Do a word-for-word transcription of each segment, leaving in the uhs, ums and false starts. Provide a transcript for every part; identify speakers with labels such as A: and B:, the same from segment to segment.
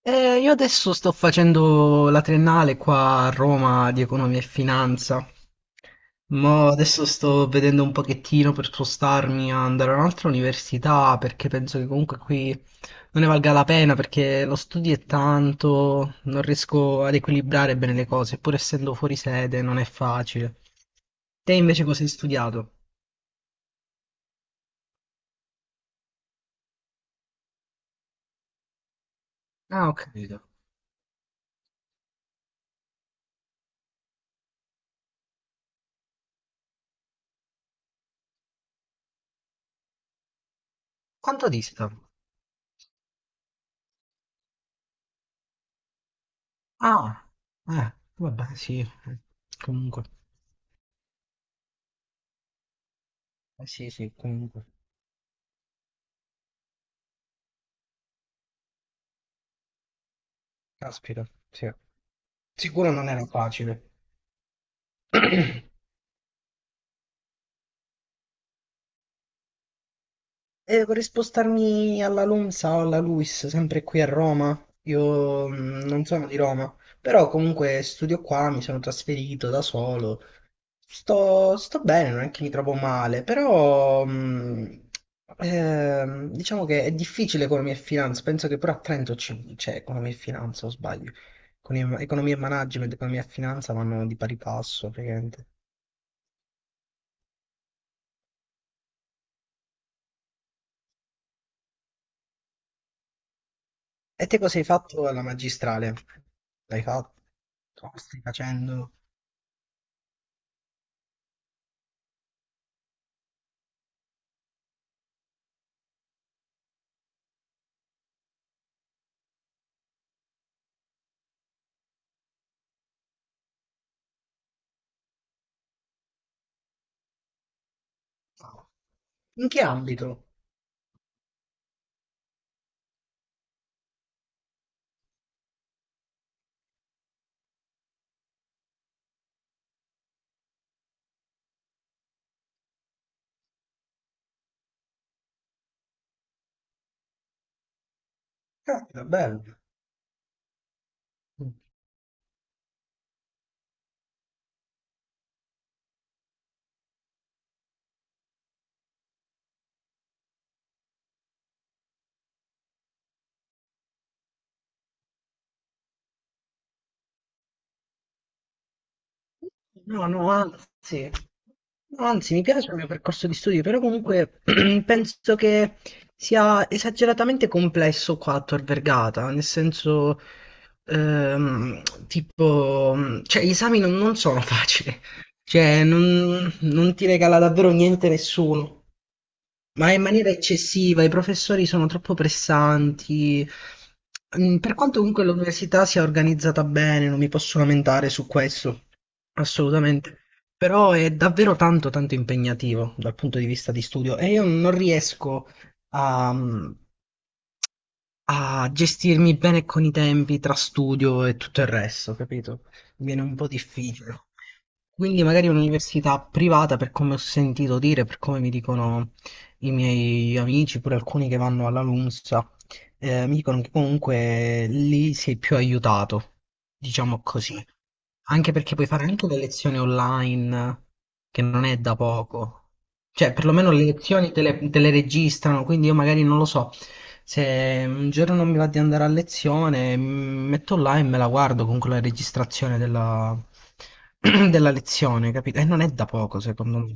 A: Eh, io adesso sto facendo la triennale qua a Roma di economia e finanza. Mo adesso sto vedendo un pochettino per spostarmi a andare a un'altra università perché penso che comunque qui non ne valga la pena perché lo studio è tanto, non riesco ad equilibrare bene le cose, pur essendo fuori sede non è facile. Te invece cosa hai studiato? Ah, ho capito. Quanto dista? Ah, eh, vabbè, sì, eh, comunque. Eh sì, sì, comunque. Caspita, sì. Sicuro non era facile. E vorrei spostarmi alla Lonza o alla Luis, sempre qui a Roma. Io mm, non sono di Roma, però comunque studio qua, mi sono trasferito da solo. Sto, sto bene, non è che mi trovo male, però mm, ehm, diciamo che è difficile economia e finanza. Penso che pure a Trento ci- c'è economia e finanza, o sbaglio. Economia economia e management, economia e finanza vanno di pari passo, praticamente. E te cosa hai fatto alla magistrale? L'hai fatto? Lo stai facendo? In che ambito? Caspita, bello. No, no, anzi, no, anzi, mi piace il mio percorso di studio, però comunque penso che sia esageratamente complesso qua a Tor Vergata, nel senso, ehm, tipo, cioè, gli esami non, non sono facili, cioè, non, non ti regala davvero niente nessuno. Ma in maniera eccessiva, i professori sono troppo pressanti. Mm, Per quanto comunque l'università sia organizzata bene, non mi posso lamentare su questo, assolutamente. Però è davvero tanto, tanto impegnativo dal punto di vista di studio e io non riesco a, mm, a gestirmi bene con i tempi tra studio e tutto il resto, capito? Mi viene un po' difficile. Quindi magari un'università privata, per come ho sentito dire, per come mi dicono i miei amici, pure alcuni che vanno alla L U M S, eh, mi dicono che comunque lì sei più aiutato, diciamo così. Anche perché puoi fare anche le lezioni online, che non è da poco. Cioè, perlomeno le lezioni te le, te le registrano, quindi io magari non lo so. Se un giorno non mi va di andare a lezione, mi metto là e me la guardo comunque la registrazione della, della lezione, capito? E non è da poco, secondo me.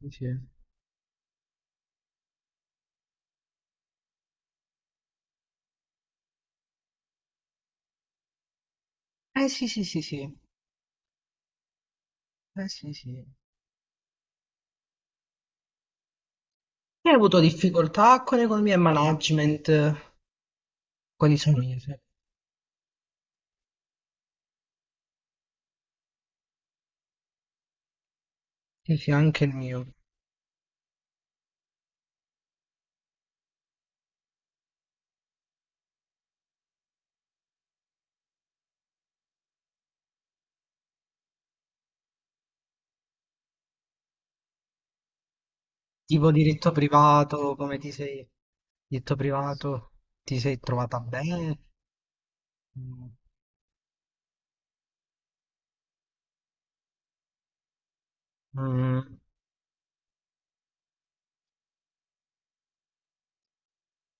A: Sì, sì. Eh sì, sì, sì, sì. Eh sì, sì. Hai avuto difficoltà con economia e management? Quali sono gli esempi? Sì, sì, anche il mio. Tipo diritto privato, come ti sei... Diritto privato, ti sei trovata bene? Mm. Mm.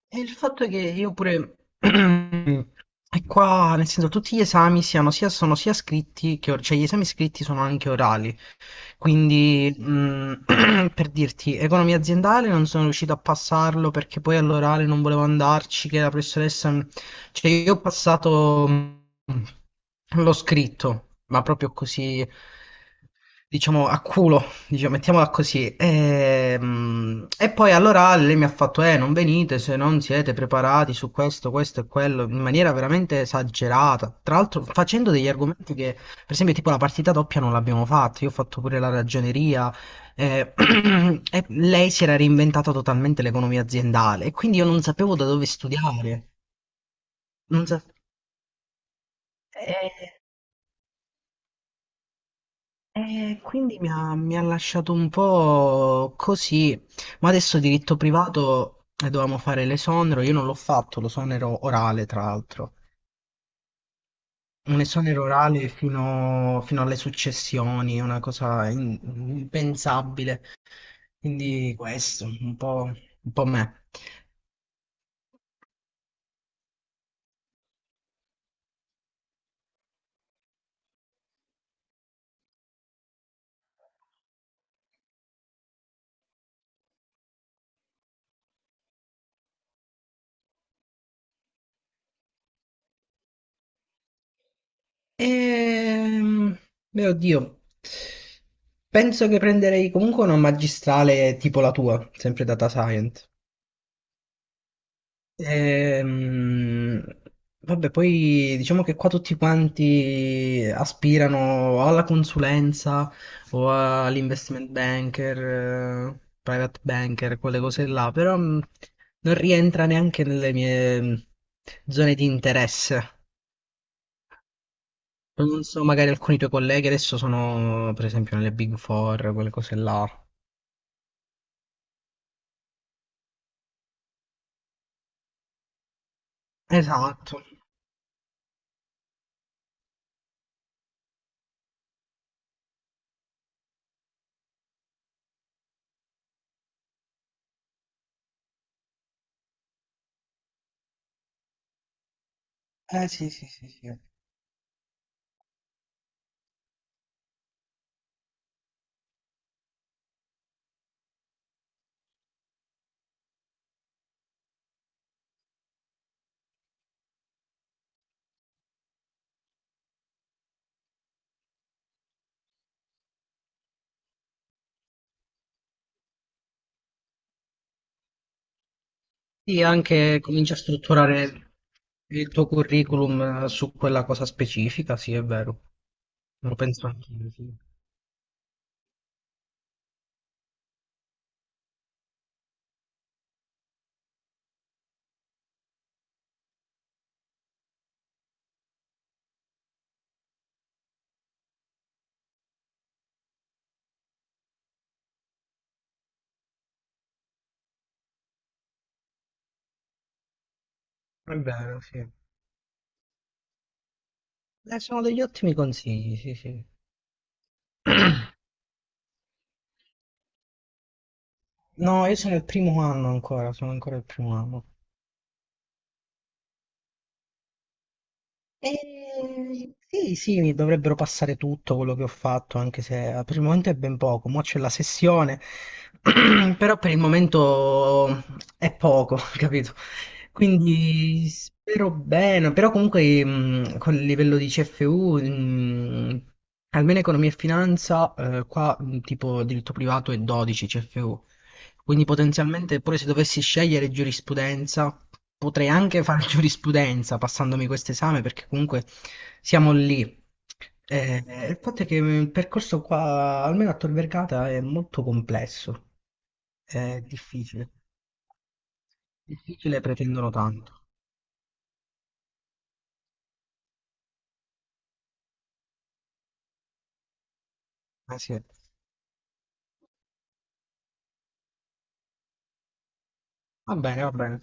A: E il fatto è che io pure... E qua, nel senso, tutti gli esami siano sia, sono sia scritti che... or- Cioè, gli esami scritti sono anche orali. Quindi, mh, per dirti, economia aziendale non sono riuscito a passarlo perché poi all'orale non volevo andarci, che la professoressa... Cioè, io ho passato... mh, l'ho scritto, ma proprio così, diciamo, a culo, diciamo, mettiamola così. E, mh, e poi allora lei mi ha fatto, eh, non venite se non siete preparati su questo, questo e quello, in maniera veramente esagerata. Tra l'altro facendo degli argomenti che per esempio, tipo la partita doppia non l'abbiamo fatta, io ho fatto pure la ragioneria eh, e lei si era reinventata totalmente l'economia aziendale e quindi io non sapevo da dove studiare. Non sa- e- E quindi mi ha, mi ha lasciato un po' così, ma adesso diritto privato eh, dovevamo fare l'esonero, io non l'ho fatto, l'esonero orale tra l'altro. Un esonero orale fino, fino alle successioni, una cosa in- impensabile. Quindi questo, un po', un po' me. Ehm, mio Dio, penso che prenderei comunque una magistrale tipo la tua, sempre data science. Ehm, vabbè, poi diciamo che qua tutti quanti aspirano o alla consulenza o all'investment banker, eh, private banker, quelle cose là, però mh, non rientra neanche nelle mie mh, zone di interesse. Non so, magari alcuni tuoi colleghi adesso sono, per esempio, nelle Big Four, quelle cose là. Esatto. Eh sì, sì, sì, sì. Sì, anche comincia a strutturare il tuo curriculum eh, su quella cosa specifica, sì, è vero. Lo penso anch'io, sì. È vero, sì. Eh, sono degli ottimi consigli, sì, sì. No, io sono il primo anno ancora, sono ancora il primo anno. E sì, sì, mi dovrebbero passare tutto quello che ho fatto, anche se eh, per il momento è ben poco. Mo' c'è la sessione, però per il momento è poco, capito? Quindi spero bene, però comunque mh, con il livello di C F U, mh, almeno economia e finanza, eh, qua mh, tipo diritto privato è dodici C F U. Quindi potenzialmente pure se dovessi scegliere giurisprudenza, potrei anche fare giurisprudenza passandomi questo esame perché comunque siamo lì. Eh, il fatto è che il percorso qua, almeno a Tor Vergata, è molto complesso, è difficile. Difficile e pretendono tanto. Eh sì. Va bene, va bene.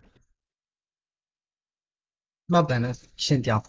A: Va bene, ci sentiamo.